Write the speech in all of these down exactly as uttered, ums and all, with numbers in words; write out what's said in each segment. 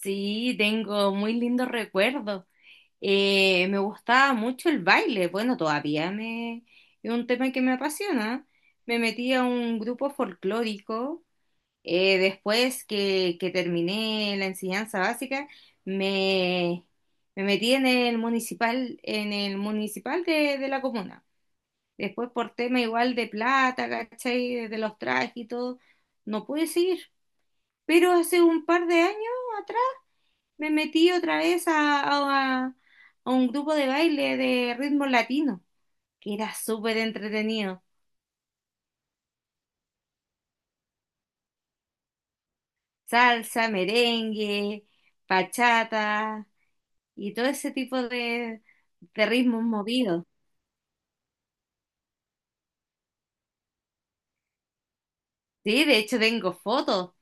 Sí, tengo muy lindos recuerdos. Eh, me gustaba mucho el baile. Bueno, todavía me, es un tema que me apasiona. Me metí a un grupo folclórico. Eh, después que, que terminé la enseñanza básica, me, me metí en el municipal, en el municipal de, de la comuna. Después por tema igual de plata, ¿cachai? De los trajes y todo, no pude seguir. Pero hace un par de años atrás me metí otra vez a, a- a- a un grupo de baile de ritmo latino, que era súper entretenido. Salsa, merengue, bachata y todo ese tipo de, de ritmos movidos. Sí, de hecho tengo fotos,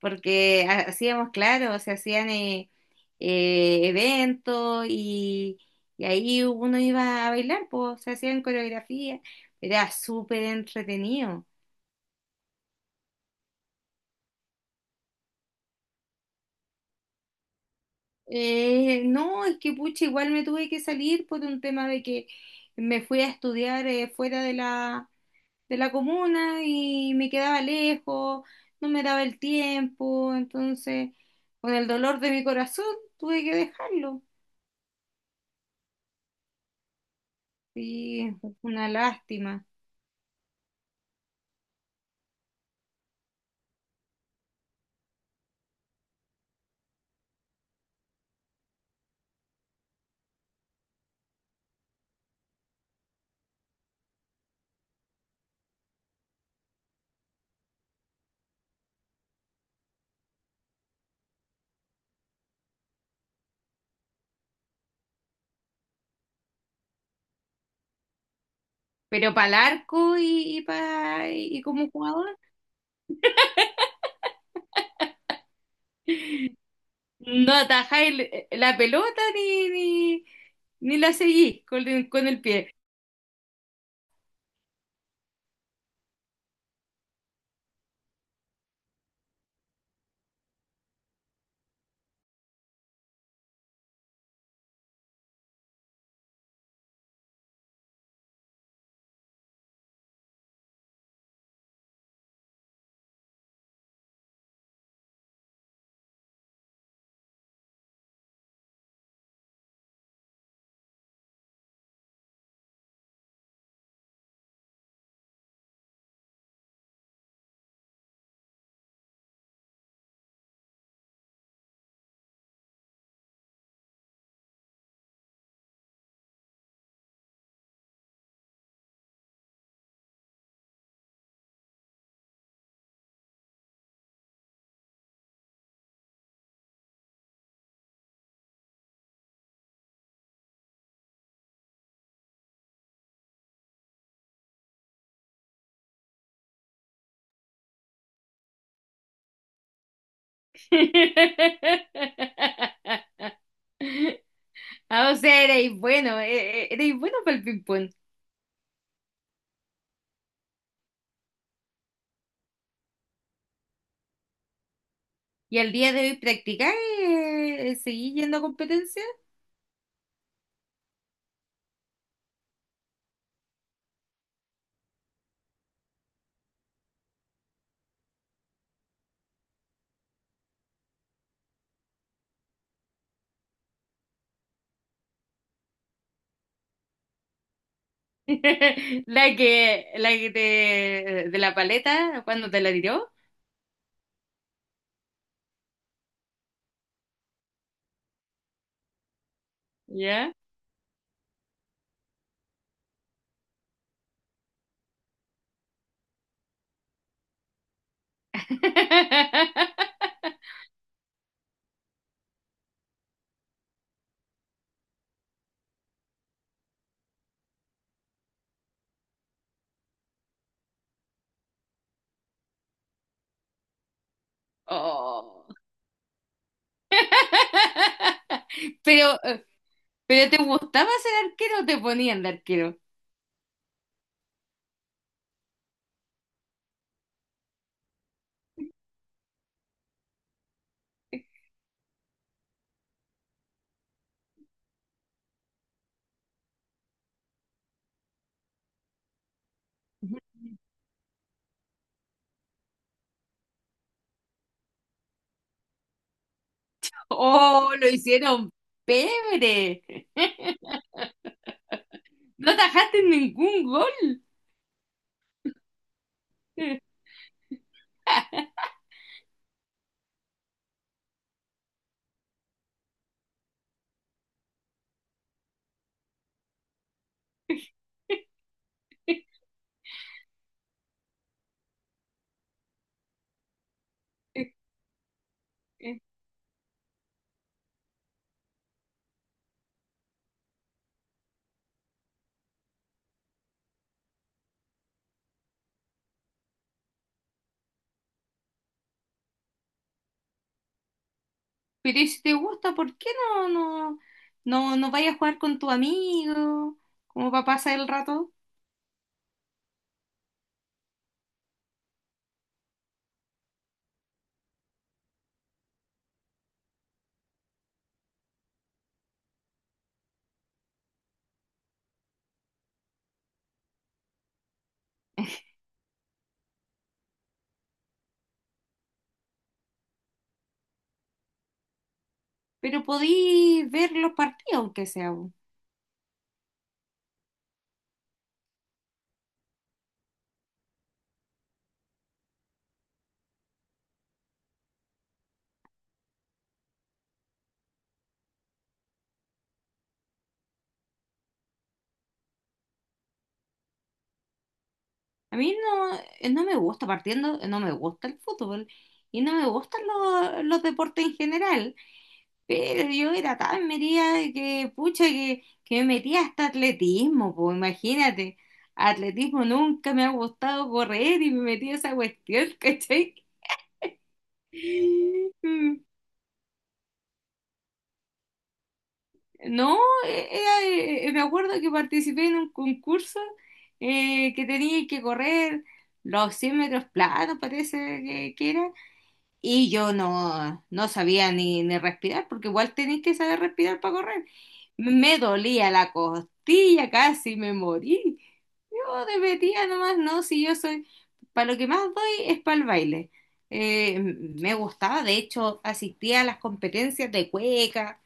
porque ha- hacíamos, claro, se hacían eh, eh, eventos y, y ahí uno iba a bailar, pues se hacían coreografías. Era súper entretenido. Eh, no, es que pucha, igual me tuve que salir por un tema de que me fui a estudiar, eh, fuera de la, de la comuna y me quedaba lejos, no me daba el tiempo, entonces con el dolor de mi corazón tuve que dejarlo. Sí, es una lástima. Pero para el arco y, y, pa- y como jugador, no atajáis la pelota ni, ni, ni la seguís con el con el pie. Ah, o sea, erais bueno, eh, eh, erais bueno para el ping-pong. ¿Y al día de hoy practicáis? eh, ¿Seguís yendo a competencia? La que, la que te, de la paleta, cuando te la tiró. ¿Ya? Oh. Pero, eh, pero ¿te gustaba ser arquero o te ponían de arquero? Oh, lo hicieron pebre. No atajaste ningún gol. Pero ¿y si te gusta, ¿por qué no, no, no, no vayas a jugar con tu amigo? Como para pasar el rato. Pero podí ver los partidos, aunque sea, po. A mí no, eh, no me gusta partiendo, no me gusta el fútbol y no me gustan los, los deportes en general. Pero yo era tan metida que, pucha, que, que me metía hasta atletismo, pues imagínate. Atletismo nunca me ha gustado correr y me metí a esa cuestión, ¿cachai? Mm, no, eh, era, eh, eh, me acuerdo que participé en un concurso, eh, que tenía que correr los cien metros planos, parece que, que era, Y yo no, no sabía ni, ni respirar, porque igual tenéis que saber respirar para correr. Me dolía la costilla, casi me morí. Yo de metida nomás, no, si yo soy, para lo que más doy es para el baile. Eh, me gustaba, de hecho, asistía a las competencias de cueca,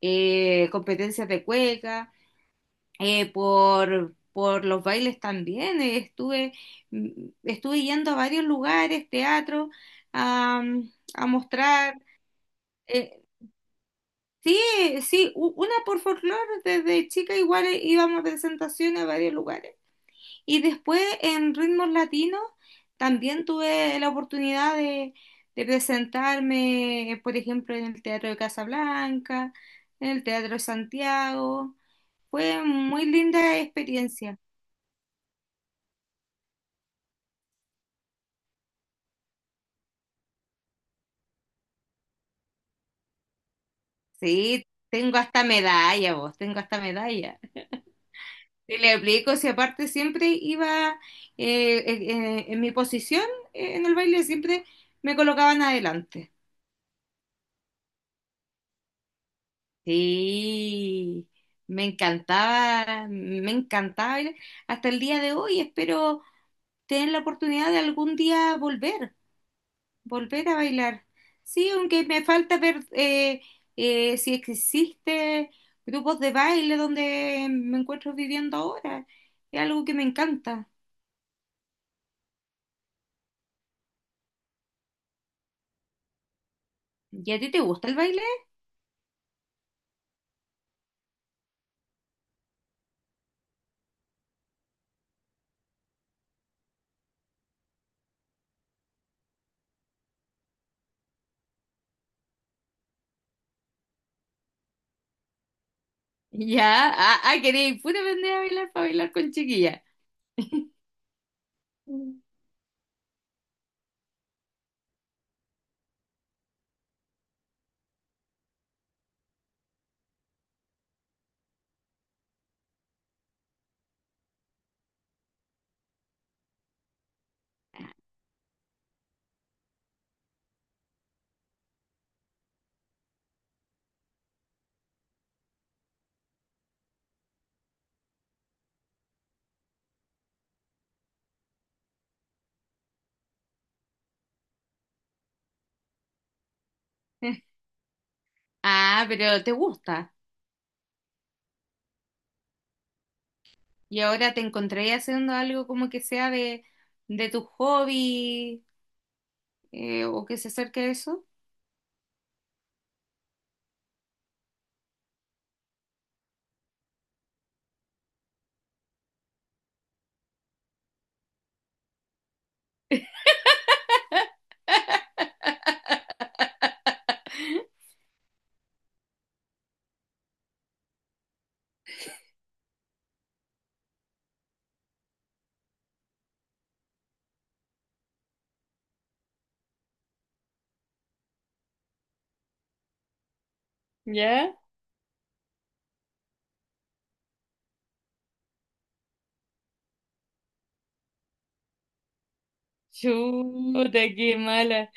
eh, competencias de cueca, eh, por, por los bailes también. eh, estuve, mm, estuve yendo a varios lugares, teatro, a a mostrar, eh, sí, sí, u- una por folclore, desde chica igual, eh, íbamos a presentaciones a varios lugares. Y después en ritmos latinos también tuve la oportunidad de, de presentarme, eh, por ejemplo, en el Teatro de Casablanca, en el Teatro de Santiago. Fue muy linda experiencia. Sí, tengo hasta medalla, vos, tengo hasta medalla. Te le aplico, si aparte siempre iba, eh, eh, eh, en mi posición, eh, en el baile, siempre me colocaban adelante. Sí, me encantaba, me encantaba bailar. Hasta el día de hoy espero tener la oportunidad de algún día volver, volver a bailar. Sí, aunque me falta ver, eh, eh, si existe grupos de baile donde me encuentro viviendo ahora. Es algo que me encanta. ¿Y a ti te gusta el baile? Ya, ah, ah, queréis puro aprender a bailar para bailar con chiquilla. Ah, pero te gusta. Y ahora te encontré haciendo algo como que sea de, de tu hobby, eh, o que se acerque a eso. ¿Ya? Chuta, qué mala,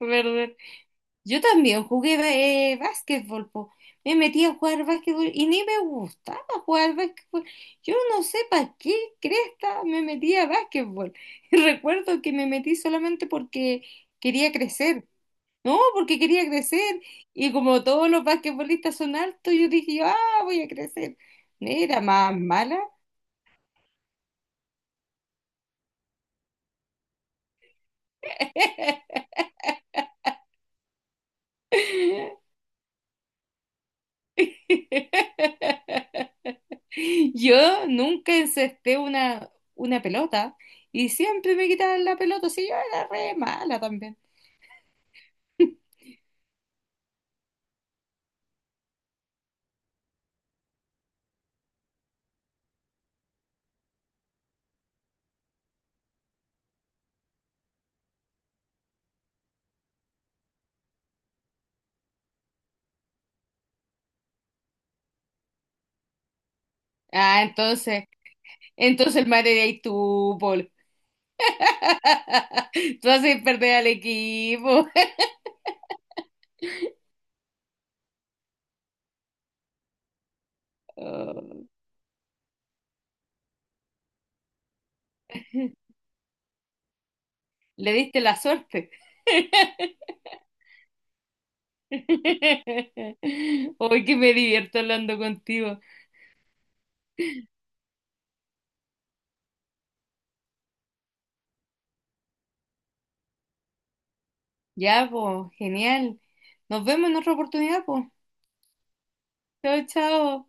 ¿verdad? Yo también jugué, eh, básquetbol, po. Me metí a jugar básquetbol y ni me gustaba jugar básquetbol. Yo no sé para qué cresta me metí a básquetbol. Recuerdo que me metí solamente porque quería crecer. No, porque quería crecer. Y como todos los basquetbolistas son altos, yo dije, ah, voy a crecer. Era más mala. Yo nunca encesté una, una pelota y siempre me quitaban la pelota, si yo era re mala también. Ah, entonces, entonces el madre de ahí tú, Paul. Tú haces perder al equipo. Oh, le diste la suerte. Hoy que me divierto hablando contigo. Ya, pues, genial. Nos vemos en otra oportunidad, pues. Chao, chao.